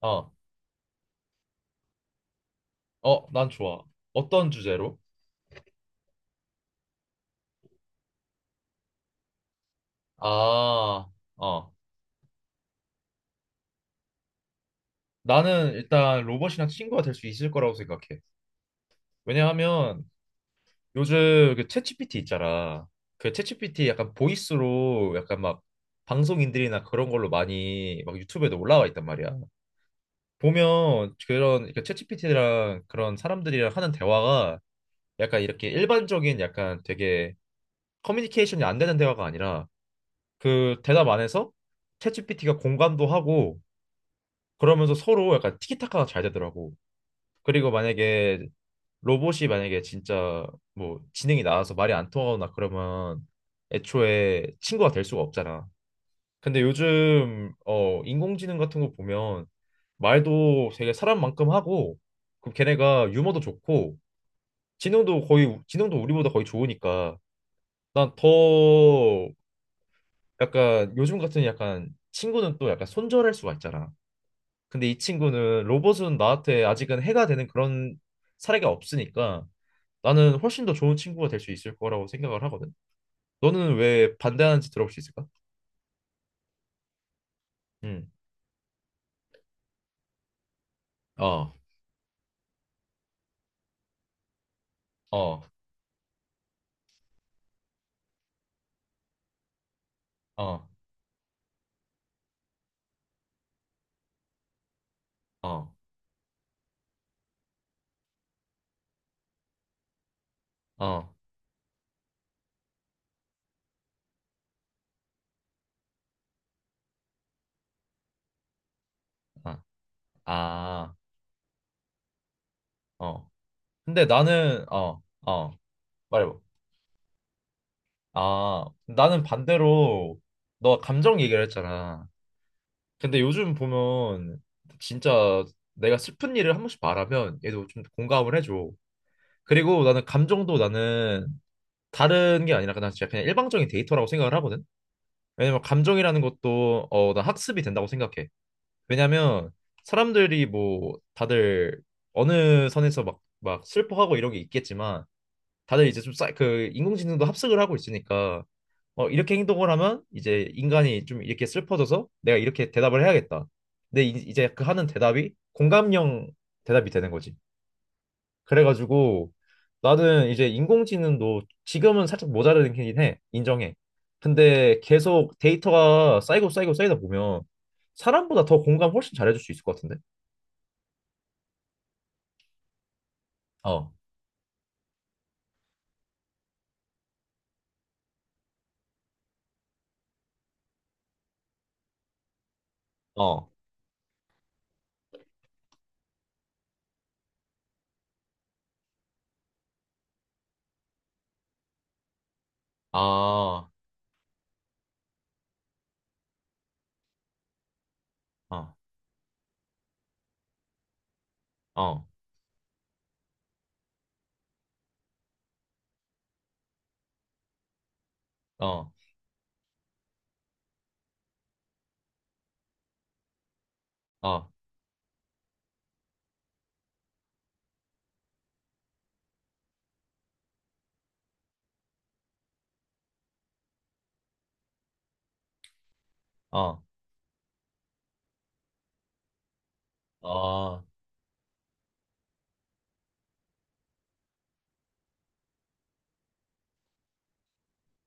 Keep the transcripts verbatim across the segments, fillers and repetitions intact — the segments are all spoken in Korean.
어, 어, 난 좋아. 어떤 주제로? 아, 어. 나는 일단 로봇이랑 친구가 될 수 있을 거라고 생각해. 왜냐하면 요즘 그 챗지피티 있잖아. 그 챗지피티 약간 보이스로 약간 막 방송인들이나 그런 걸로 많이 막 유튜브에도 올라와 있단 말이야. 보면 그런 그 챗지피티랑 그런 사람들이랑 하는 대화가 약간 이렇게 일반적인 약간 되게 커뮤니케이션이 안 되는 대화가 아니라 그 대답 안에서 챗지피티가 공감도 하고 그러면서 서로 약간 티키타카가 잘 되더라고. 그리고 만약에 로봇이 만약에 진짜 뭐 지능이 나와서 말이 안 통하거나 그러면 애초에 친구가 될 수가 없잖아. 근데 요즘 어 인공지능 같은 거 보면 말도 되게 사람만큼 하고 그 걔네가 유머도 좋고 지능도 거의 지능도 우리보다 거의 좋으니까 난 더 약간 요즘 같은 약간 친구는 또 약간 손절할 수가 있잖아. 근데 이 친구는 로봇은 나한테 아직은 해가 되는 그런 사례가 없으니까 나는 훨씬 더 좋은 친구가 될 수 있을 거라고 생각을 하거든. 너는 왜 반대하는지 들어볼 수 있을까? 응. 어, 어, 어, 어, 어, 아, 아, 어. 근데 나는 어, 어, 말해봐. 아, 나는 반대로 너 감정 얘기를 했잖아. 근데 요즘 보면 진짜 내가 슬픈 일을 한 번씩 말하면 얘도 좀 공감을 해줘. 그리고 나는 감정도 나는 다른 게 아니라 그냥 진짜 그냥 일방적인 데이터라고 생각을 하거든. 왜냐면 감정이라는 것도 어, 나 학습이 된다고 생각해. 왜냐면 사람들이 뭐 다들 어느 선에서 막, 막 슬퍼하고 이런 게 있겠지만 다들 이제 좀 그 인공지능도 합숙을 하고 있으니까 어, 이렇게 행동을 하면 이제 인간이 좀 이렇게 슬퍼져서 내가 이렇게 대답을 해야겠다. 근데 이- 이제 그 하는 대답이 공감형 대답이 되는 거지. 그래가지고 나는 이제 인공지능도 지금은 살짝 모자라긴 해. 인정해. 근데 계속 데이터가 쌓이고 쌓이고 쌓이다 보면 사람보다 더 공감 훨씬 잘해줄 수 있을 것 같은데? 어, 어, 아, 어, 어, 어, 어, 어, 어, 어,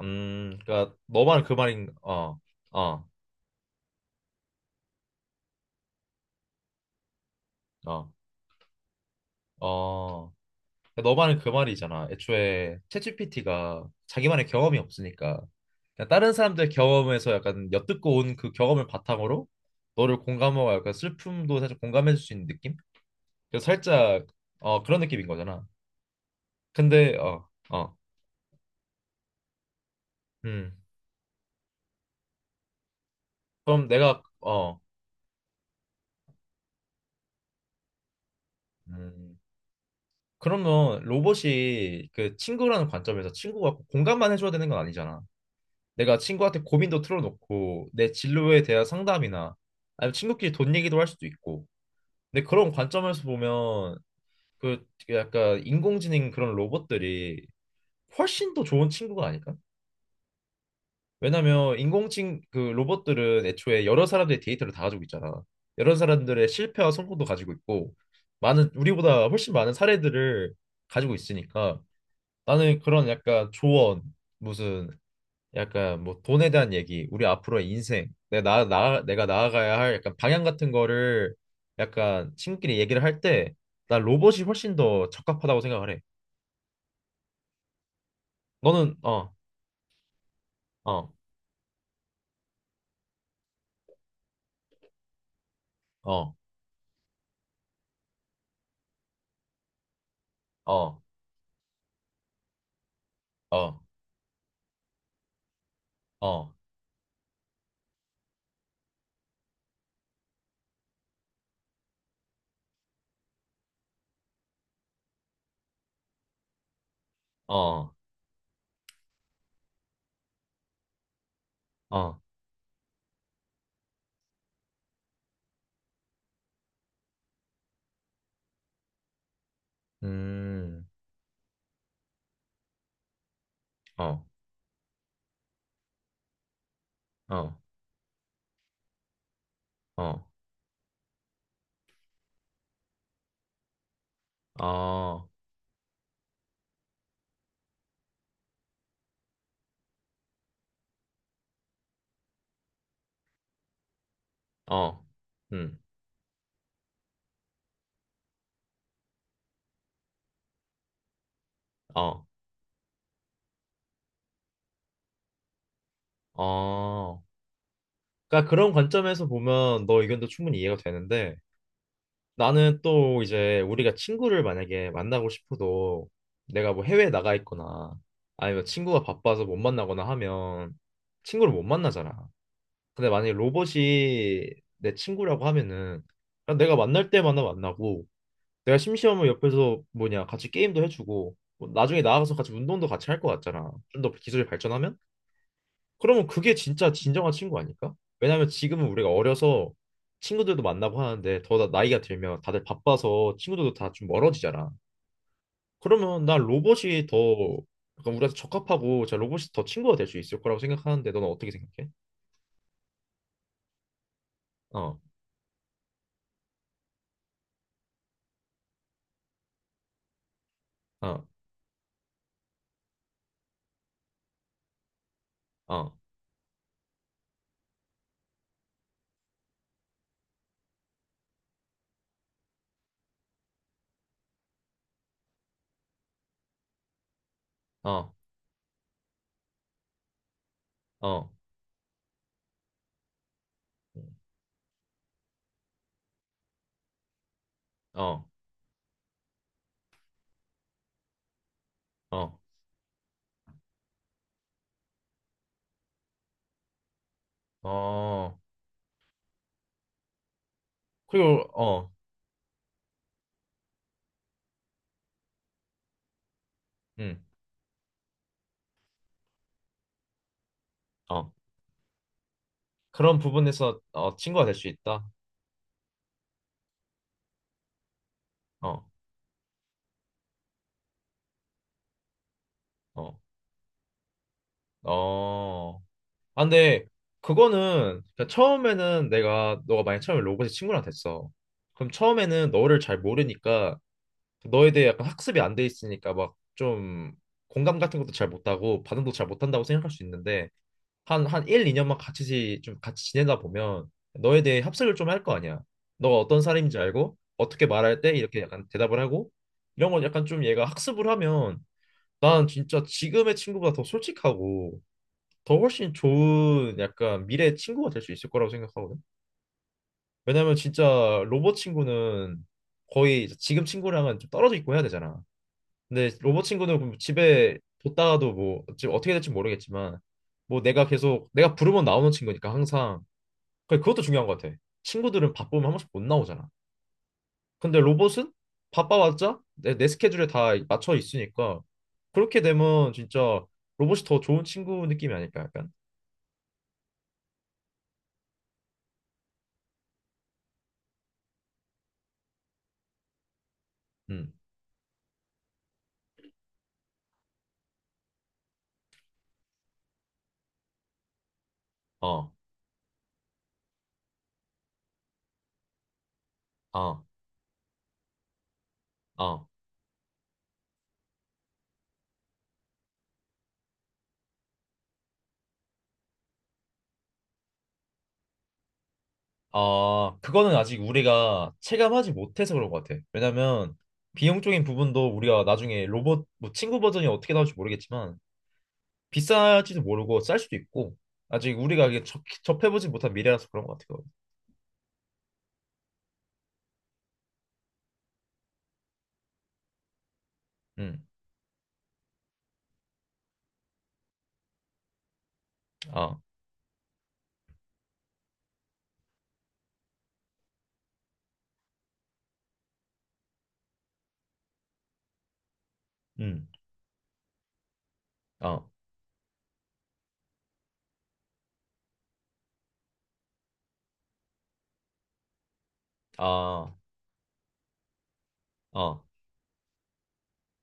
음, 그러니까 너만 그 말인, 어, 어, 어, 어. 그러니까 너 말은 그 말이잖아. 애초에 챗지피티가 자기만의 경험이 없으니까 그냥 다른 사람들의 경험에서 약간 엿듣고 온 그 경험을 바탕으로 너를 공감하고 약간 슬픔도 사실 공감해줄 수 있는 느낌? 그래서 살짝 어 그런 느낌인 거잖아. 근데 어 어, 음. 그럼 내가 어 음. 그러면 로봇이 그 친구라는 관점에서 친구가 꼭 공감만 해줘야 되는 건 아니잖아. 내가 친구한테 고민도 틀어놓고 내 진로에 대한 상담이나 아니면 친구끼리 돈 얘기도 할 수도 있고 근데 그런 관점에서 보면 그 약간 인공지능 그런 로봇들이 훨씬 더 좋은 친구가 아닐까? 왜냐면 인공지능 그 로봇들은 애초에 여러 사람들의 데이터를 다 가지고 있잖아. 여러 사람들의 실패와 성공도 가지고 있고 많은 우리보다 훨씬 많은 사례들을 가지고 있으니까 나는 그런 약간 조언 무슨 약간 뭐 돈에 대한 얘기, 우리 앞으로의 인생, 내가 나, 나 내가 나아가야 할 약간 방향 같은 거를 약간 친구끼리 얘기를 할 때 나 로봇이 훨씬 더 적합하다고 생각을 해. 너는 어, 어, 어, 어, 어, 어, 어, 어, 음, 어, 어, 어, 어, 어, 음, 어, 어. 그러니까 그런 관점에서 보면 너 의견도 충분히 이해가 되는데 나는 또 이제 우리가 친구를 만약에 만나고 싶어도 내가 뭐 해외에 나가 있거나 아니면 친구가 바빠서 못 만나거나 하면 친구를 못 만나잖아. 근데 만약에 로봇이 내 친구라고 하면은 그냥 내가 만날 때마다 만나고 내가 심심하면 옆에서 뭐냐 같이 게임도 해주고 뭐 나중에 나아가서 같이 운동도 같이 할 것 같잖아. 좀 더 기술이 발전하면? 그러면 그게 진짜 진정한 친구 아닐까? 왜냐면 지금은 우리가 어려서 친구들도 만나고 하는데 더 나- 나이가 들면 다들 바빠서 친구들도 다 좀 멀어지잖아. 그러면 난 로봇이 더 약간 우리한테 적합하고 자 로봇이 더 친구가 될 수 있을 거라고 생각하는데 너는 어떻게 생각해? 어, 어, 어, 어, 어, 어, 어, 어. 그리고 어, 음, 어. 그런 부분에서 어, 친구가 될 수 있다. 어, 어, 어. 아, 근데 그거는 그 처음에는 내가 너가 만약 처음에 로봇의 친구랑 됐어. 그럼 처음에는 너를 잘 모르니까 너에 대해 약간 학습이 안 돼 있으니까 막 좀 공감 같은 것도 잘 못하고 반응도 잘 못한다고 생각할 수 있는데 한, 한 일, 이 년만 같이 지- 좀 같이 지내다 보면 너에 대해 합습을 좀 할 거 아니야. 너가 어떤 사람인지 알고 어떻게 말할 때 이렇게 약간 대답을 하고 이런 건 약간 좀 얘가 학습을 하면 난 진짜 지금의 친구보다 더 솔직하고 더 훨씬 좋은 약간 미래의 친구가 될 수 있을 거라고 생각하거든. 왜냐면 진짜 로봇 친구는 거의 이제 지금 친구랑은 좀 떨어져 있고 해야 되잖아. 근데 로봇 친구는 그럼 집에 뒀다가도 뭐 지금 어떻게 될지 모르겠지만 뭐 내가 계속 내가 부르면 나오는 친구니까 항상 그 그것도 중요한 것 같아. 친구들은 바쁘면 한 번씩 못 나오잖아. 근데 로봇은 바빠봤자 내, 내 스케줄에 다 맞춰 있으니까 그렇게 되면 진짜 로봇이 더 좋은 친구 느낌이 아닐까 약간. 음. 어. 어. 어. 아, 그거는 아직 우리가 체감하지 못해서 그런 것 같아. 왜냐면 비용적인 부분도 우리가 나중에 로봇 뭐 친구 버전이 어떻게 나올지 모르겠지만 비쌀지도 모르고 쌀 수도 있고 아직 우리가 이게 접, 접해보지 못한 미래라서 그런 것 같아. 응, 아, 응, 아, 아, 아,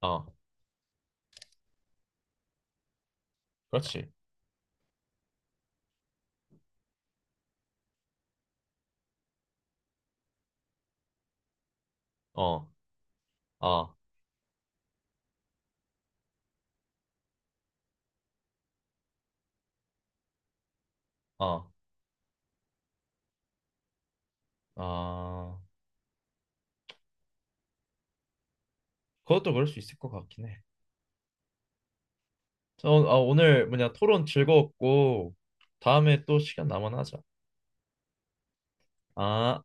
아, 그렇지. 어, 아, 아, 아, 그것도 그럴 수 있을 것 같긴 해. 저, 아, 오늘 뭐냐 토론 즐거웠고 다음에 또 시간 남으면 하자. 아.